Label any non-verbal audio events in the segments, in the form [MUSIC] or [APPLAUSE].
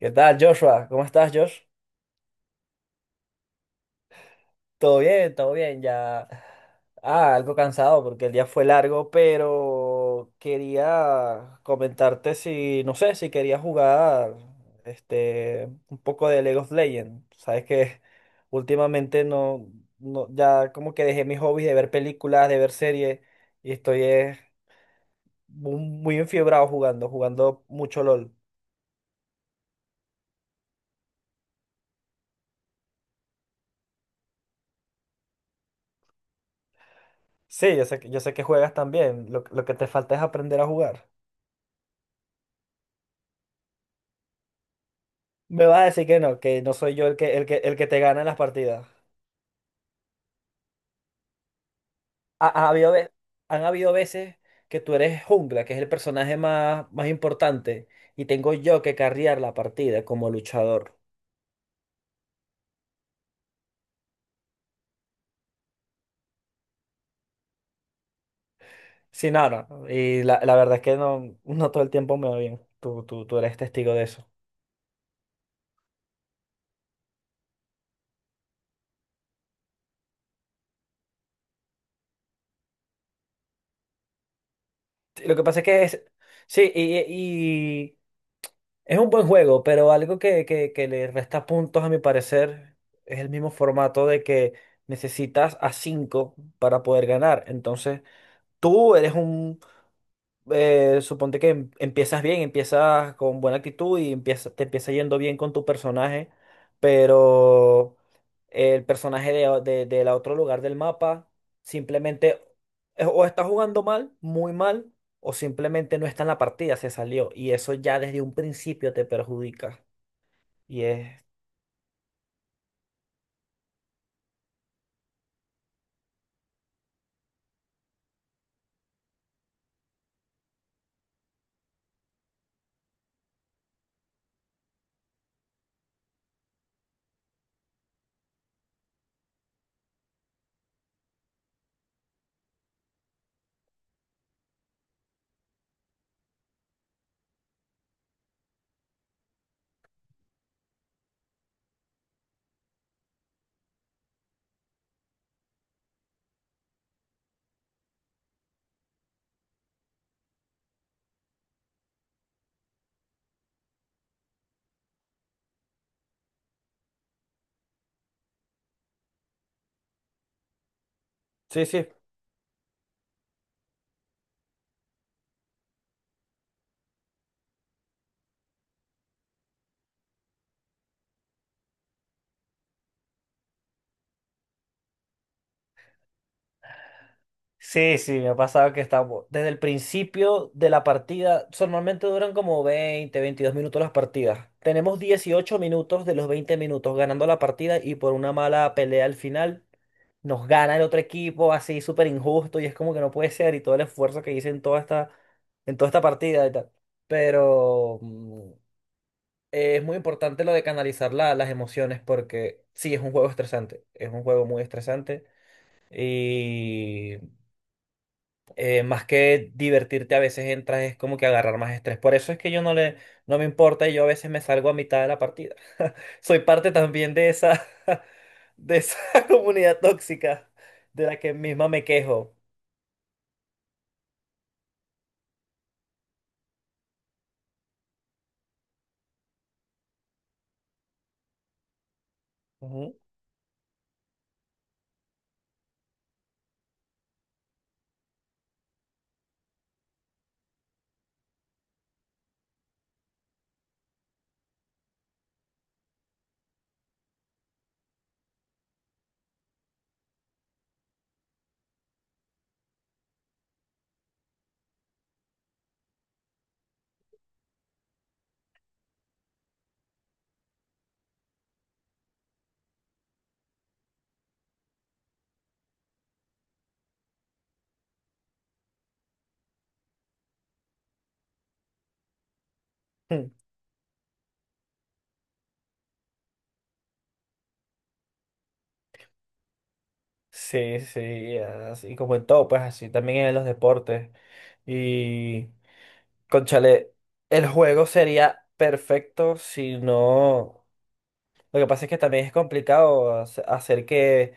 ¿Qué tal, Joshua? ¿Cómo estás, Josh? Todo bien, ya. Ah, algo cansado porque el día fue largo, pero quería comentarte si, no sé, si quería jugar un poco de League of Legends. Sabes que últimamente no, no, ya como que dejé mis hobbies de ver películas, de ver series y estoy muy enfiebrado jugando, jugando mucho LOL. Sí, yo sé que juegas también. Lo que te falta es aprender a jugar. Me vas a decir que no soy yo el que te gana en las partidas. Ha habido, han habido veces que tú eres jungla, que es el personaje más importante, y tengo yo que carrear la partida como luchador. Sí, nada. Y la verdad es que no, no todo el tiempo me va bien. Tú eres testigo de eso. Sí, lo que pasa es que es. Sí. Es un buen juego, pero algo que le resta puntos, a mi parecer, es el mismo formato de que necesitas a 5 para poder ganar. Entonces, tú eres un, suponte que empiezas bien, empiezas con buena actitud y te empieza yendo bien con tu personaje, pero el personaje del otro lugar del mapa simplemente o está jugando mal, muy mal, o simplemente no está en la partida, se salió. Y eso ya desde un principio te perjudica. Y es... Sí, sí. Sí, sí, me ha pasado que estamos desde el principio de la partida, normalmente duran como 20 a 22 minutos las partidas. Tenemos 18 minutos de los 20 minutos ganando la partida y por una mala pelea al final nos gana el otro equipo, así súper injusto, y es como que no puede ser y todo el esfuerzo que hice en toda esta partida y tal. Pero es muy importante lo de canalizar las emociones porque sí, es un juego estresante, es un juego muy estresante. Y más que divertirte a veces entras es como que agarrar más estrés. Por eso es que yo no le, no me importa y yo a veces me salgo a mitad de la partida. [LAUGHS] Soy parte también de esa, [LAUGHS] de esa [LAUGHS] comunidad tóxica de la que misma me quejo. Ujú. [LAUGHS] Sí, sí, así como en todo, pues así también en los deportes. Y, conchale, el juego sería perfecto si no... Lo que pasa es que también es complicado hacer que...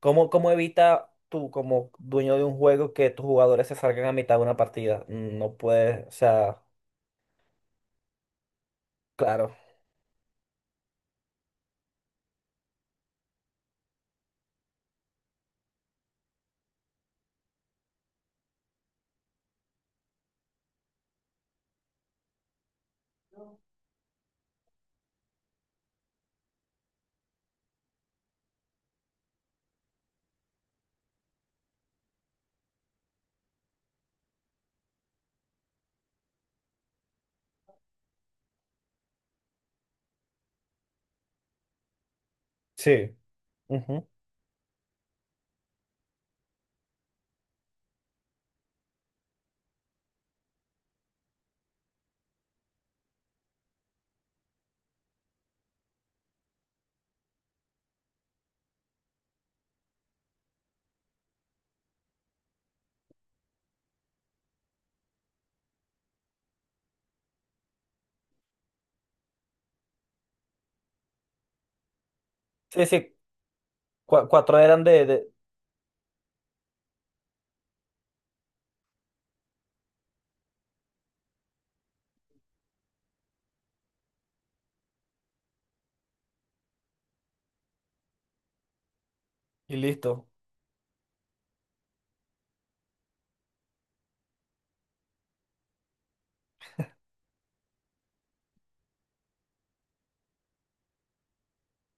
¿Cómo, cómo evita tú, como dueño de un juego, que tus jugadores se salgan a mitad de una partida? No puedes, o sea, claro. Sí. Ujú. Sí, sí, cuatro eran de, de... Y listo.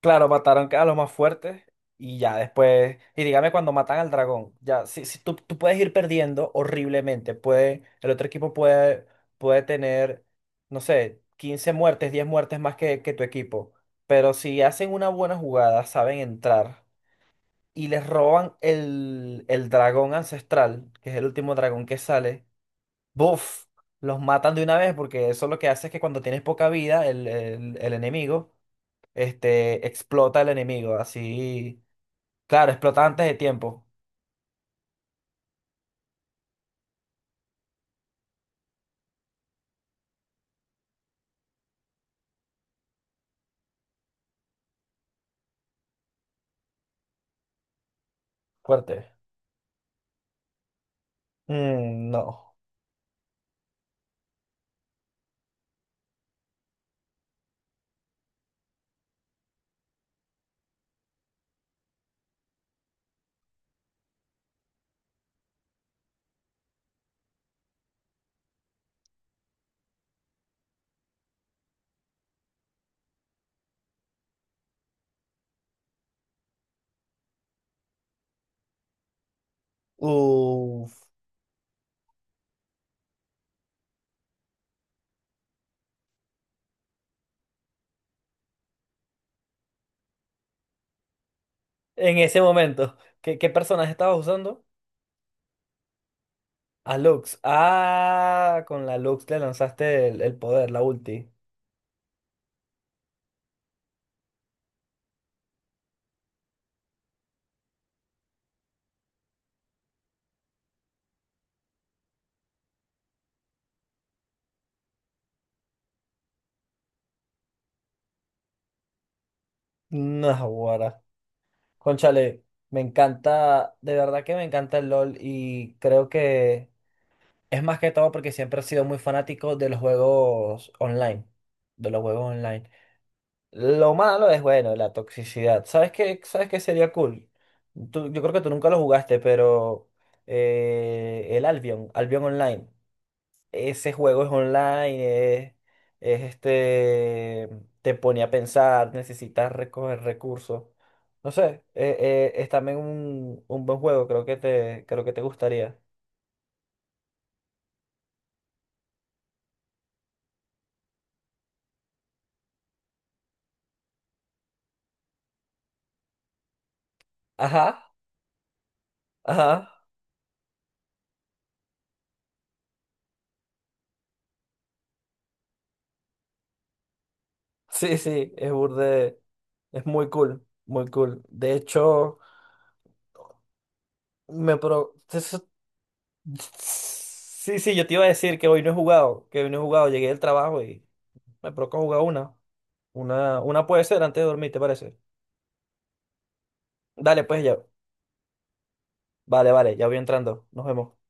Claro, mataron a los más fuertes y ya después... Y dígame cuando matan al dragón. Ya, si, si tú, tú puedes ir perdiendo horriblemente. Puede, el otro equipo puede, puede tener, no sé, 15 muertes, 10 muertes más que tu equipo. Pero si hacen una buena jugada, saben entrar y les roban el dragón ancestral, que es el último dragón que sale, ¡buf! Los matan de una vez porque eso lo que hace es que cuando tienes poca vida, el enemigo, explota el enemigo, así, claro, explota antes de tiempo, fuerte. Mm, no. Uf. En ese momento, ¿qué, qué personaje estabas usando? A Lux. Ah, con la Lux le lanzaste el poder, la ulti. No, conchale, me encanta, de verdad que me encanta el LOL, y creo que es más que todo porque siempre he sido muy fanático de los juegos online, de los juegos online. Lo malo es, bueno, la toxicidad. ¿Sabes qué? ¿Sabes qué sería cool? Tú... yo creo que tú nunca lo jugaste, pero el Albion, Albion Online, ese juego es online, es te pone a pensar, necesitas recoger recursos. No sé, es también un buen juego, creo que te gustaría. Ajá, ajá. Sí, sí, es burde, es muy cool, muy cool. De hecho, me pro... eso... Sí, sí, yo te iba a decir que hoy no he jugado, que hoy no he jugado, llegué del trabajo y me provoca jugar una. Una puede ser antes de dormir, ¿te parece? Dale, pues ya. Vale, vale, ya voy entrando. Nos vemos.